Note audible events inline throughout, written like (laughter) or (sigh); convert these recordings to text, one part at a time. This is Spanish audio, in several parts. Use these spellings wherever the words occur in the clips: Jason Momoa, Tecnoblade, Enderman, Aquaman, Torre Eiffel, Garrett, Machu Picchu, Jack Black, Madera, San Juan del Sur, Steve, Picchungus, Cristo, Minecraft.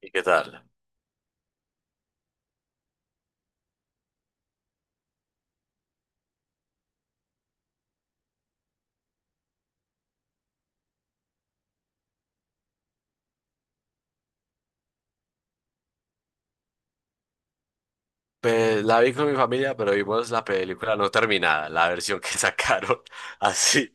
¿Y qué tal? Pues la vi con mi familia, pero vimos la película no terminada, la versión que sacaron (laughs) así.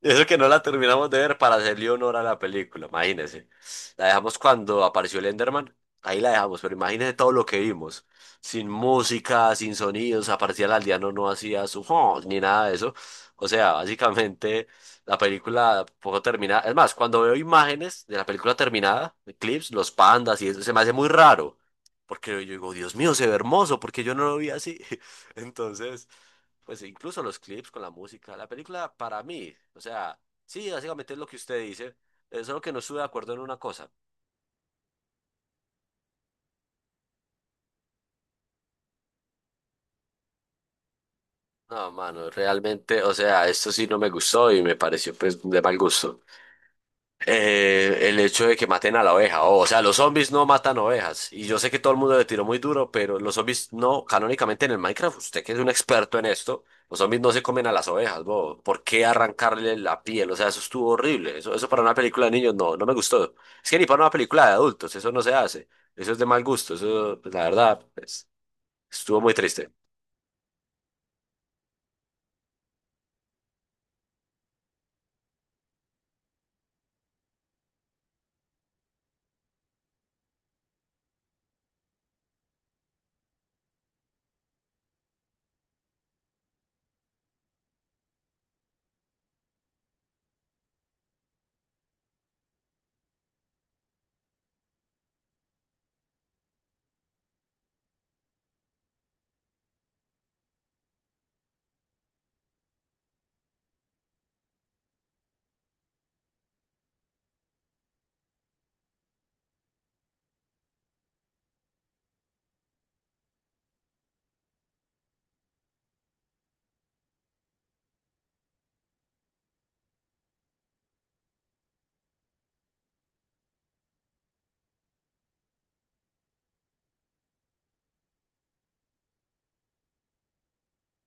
Y eso que no la terminamos de ver para hacerle honor a la película, imagínese. La dejamos cuando apareció el Enderman, ahí la dejamos, pero imagínese todo lo que vimos. Sin música, sin sonidos, aparecía el aldeano, no hacía su "Oh", ni nada de eso. O sea, básicamente la película poco terminada. Es más, cuando veo imágenes de la película terminada, de clips, los pandas y eso, se me hace muy raro. Porque yo digo, Dios mío, se ve hermoso, porque yo no lo vi así. (laughs) Entonces, pues incluso los clips con la música. La película para mí, o sea, sí, básicamente es lo que usted dice, solo que no estuve de acuerdo en una cosa. No, mano, realmente, o sea, esto sí no me gustó y me pareció pues de mal gusto. El hecho de que maten a la oveja. O sea, los zombies no matan ovejas. Y yo sé que todo el mundo le tiró muy duro, pero los zombies no, canónicamente en el Minecraft, usted que es un experto en esto, los zombies no se comen a las ovejas, bo. ¿Por qué arrancarle la piel? O sea, eso estuvo horrible. Eso para una película de niños no, no me gustó. Es que ni para una película de adultos, eso no se hace. Eso es de mal gusto. Eso, pues, la verdad, pues, estuvo muy triste.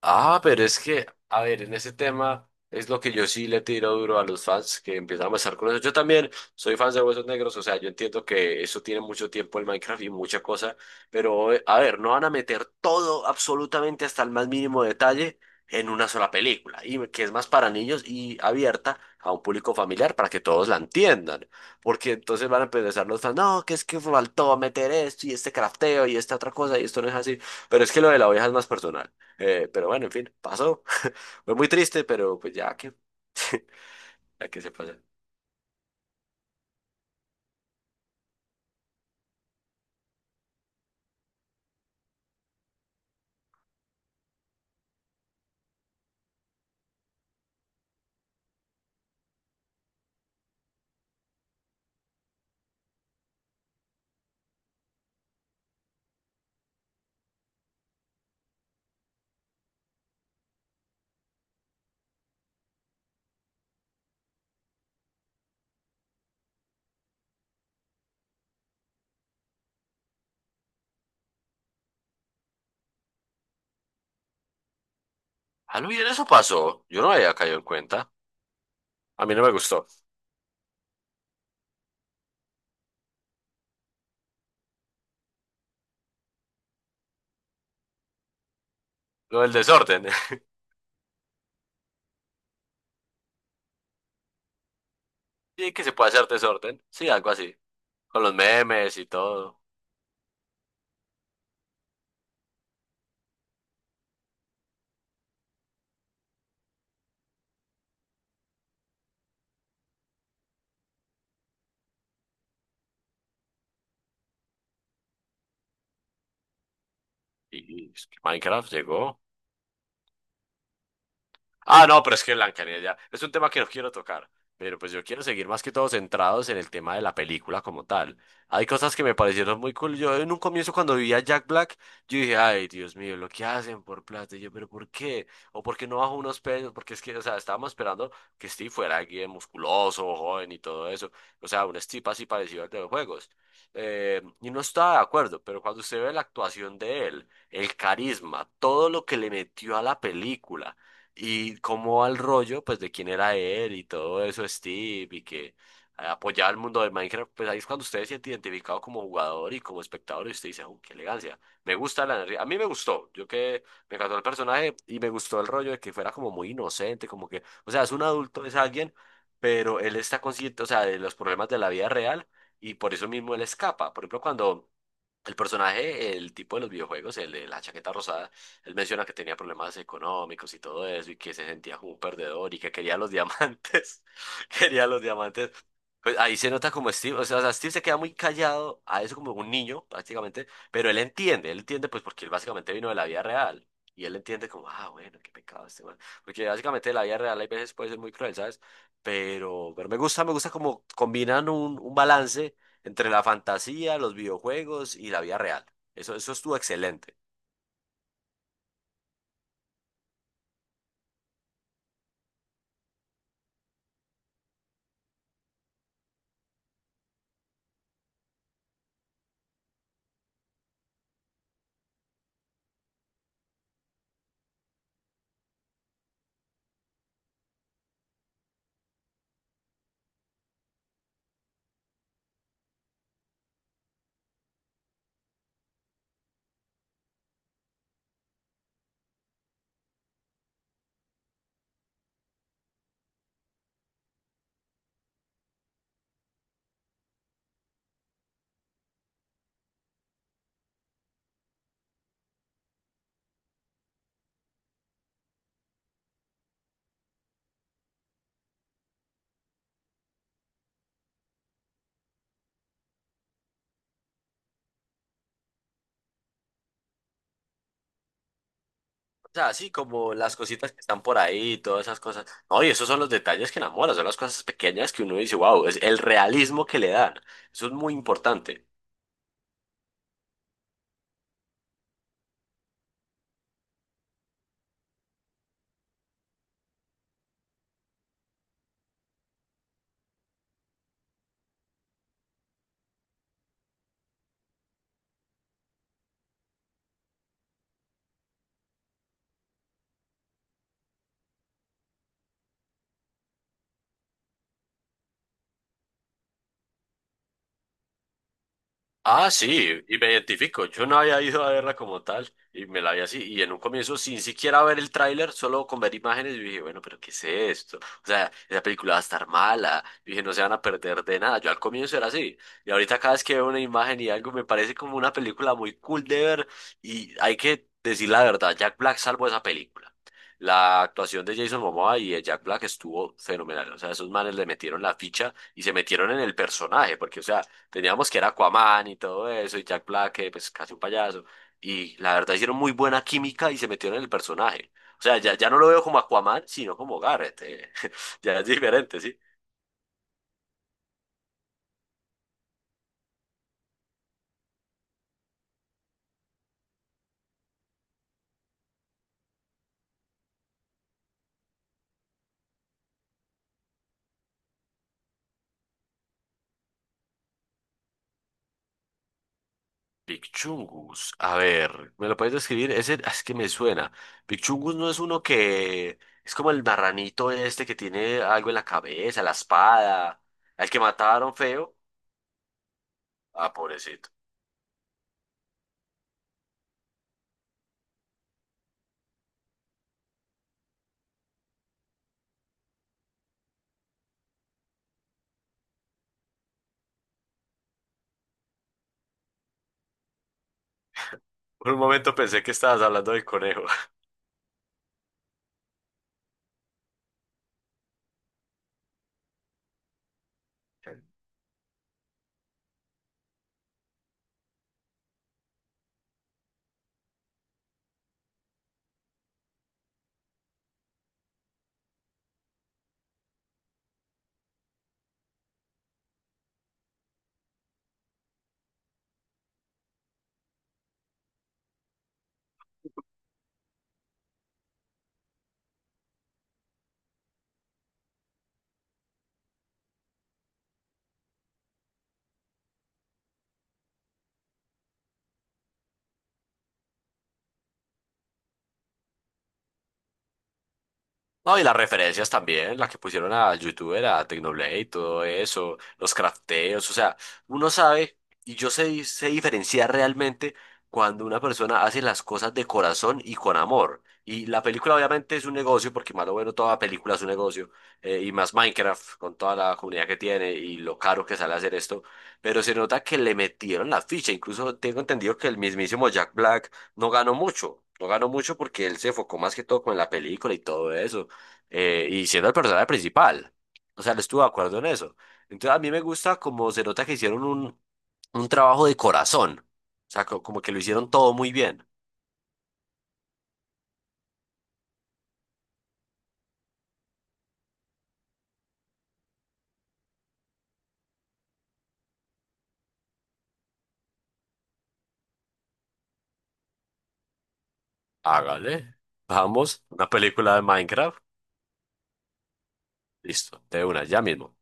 Ah, pero es que, a ver, en ese tema es lo que yo sí le tiro duro a los fans que empiezan a pasar con eso. Yo también soy fan de Huesos Negros, o sea, yo entiendo que eso tiene mucho tiempo el Minecraft y mucha cosa, pero a ver, no van a meter todo, absolutamente hasta el más mínimo detalle, en una sola película, y que es más para niños y abierta a un público familiar para que todos la entiendan. Porque entonces van a empezar los fans, no, que es que faltó meter esto y este crafteo y esta otra cosa y esto no es así. Pero es que lo de la oveja es más personal. Pero bueno, en fin, pasó. (laughs) Fue muy triste, pero pues ya que, (laughs) ya que se pasa. Ah, no, bien, eso pasó. Yo no había caído en cuenta. A mí no me gustó. Lo del desorden. (laughs) Sí, que se puede hacer desorden. Sí, algo así. Con los memes y todo. Y Minecraft llegó. Ah, no, pero es que Blancanieves ya es un tema que no quiero tocar, pero pues yo quiero seguir más que todo centrados en el tema de la película como tal. Hay cosas que me parecieron muy cool. Yo en un comienzo cuando vivía Jack Black, yo dije, ay, Dios mío, lo que hacen por plata. Y yo, pero ¿por qué? ¿O por qué no bajo unos pesos? Porque es que, o sea, estábamos esperando que Steve fuera alguien musculoso, joven y todo eso. O sea, un Steve así parecido al de los juegos. Y no estaba de acuerdo, pero cuando usted ve la actuación de él, el carisma, todo lo que le metió a la película y cómo al rollo, pues de quién era él y todo eso, Steve, y que apoyaba el mundo de Minecraft, pues ahí es cuando usted se siente identificado como jugador y como espectador y usted dice, "¡Oh, qué elegancia! Me gusta la energía". A mí me gustó, yo que me encantó el personaje y me gustó el rollo de que fuera como muy inocente, como que, o sea, es un adulto, es alguien, pero él está consciente, o sea, de los problemas de la vida real y por eso mismo él escapa. Por ejemplo, cuando... el personaje, el tipo de los videojuegos, el de la chaqueta rosada, él menciona que tenía problemas económicos y todo eso y que se sentía como un perdedor y que quería los diamantes. (laughs) Quería los diamantes. Pues ahí se nota como Steve, o sea, Steve se queda muy callado a eso como un niño prácticamente, pero él entiende pues porque él básicamente vino de la vida real. Y él entiende como, ah, bueno, qué pecado este man. Porque básicamente la vida real hay veces puede ser muy cruel, ¿sabes? Pero me gusta como combinan un balance entre la fantasía, los videojuegos y la vida real. Eso estuvo excelente. O sea, así como las cositas que están por ahí, todas esas cosas. No, y esos son los detalles que enamoran, son las cosas pequeñas que uno dice, wow, es el realismo que le dan. Eso es muy importante. Ah, sí, y me identifico. Yo no había ido a verla como tal y me la vi así. Y en un comienzo, sin siquiera ver el tráiler, solo con ver imágenes, yo dije, bueno, pero ¿qué es esto? O sea, esa película va a estar mala. Yo dije, no se van a perder de nada. Yo al comienzo era así. Y ahorita cada vez que veo una imagen y algo, me parece como una película muy cool de ver. Y hay que decir la verdad, Jack Black salvó esa película. La actuación de Jason Momoa y de Jack Black estuvo fenomenal. O sea, esos manes le metieron la ficha y se metieron en el personaje, porque, o sea, teníamos que era Aquaman y todo eso, y Jack Black, que pues casi un payaso. Y la verdad hicieron muy buena química y se metieron en el personaje. O sea, ya no lo veo como Aquaman, sino como Garrett. (laughs) Ya es diferente, ¿sí? Picchungus. A ver, ¿me lo puedes describir? Ese ah, es que me suena. Picchungus no es uno que es como el marranito este que tiene algo en la cabeza, la espada, al que mataron feo. Ah, pobrecito. Por un momento pensé que estabas hablando del conejo. (laughs) No, y las referencias también, las que pusieron a YouTuber, a Tecnoblade, todo eso, los crafteos, o sea, uno sabe y yo sé, sé diferenciar realmente cuando una persona hace las cosas de corazón y con amor. Y la película obviamente es un negocio, porque más o menos toda película es un negocio, y más Minecraft con toda la comunidad que tiene y lo caro que sale hacer esto, pero se nota que le metieron la ficha, incluso tengo entendido que el mismísimo Jack Black no ganó mucho. No ganó mucho porque él se enfocó más que todo con la película y todo eso y siendo el personaje principal. O sea, no estuve de acuerdo en eso. Entonces, a mí me gusta como se nota que hicieron un trabajo de corazón. O sea, como que lo hicieron todo muy bien. Hágale. Vamos, una película de Minecraft. Listo, de una, ya mismo.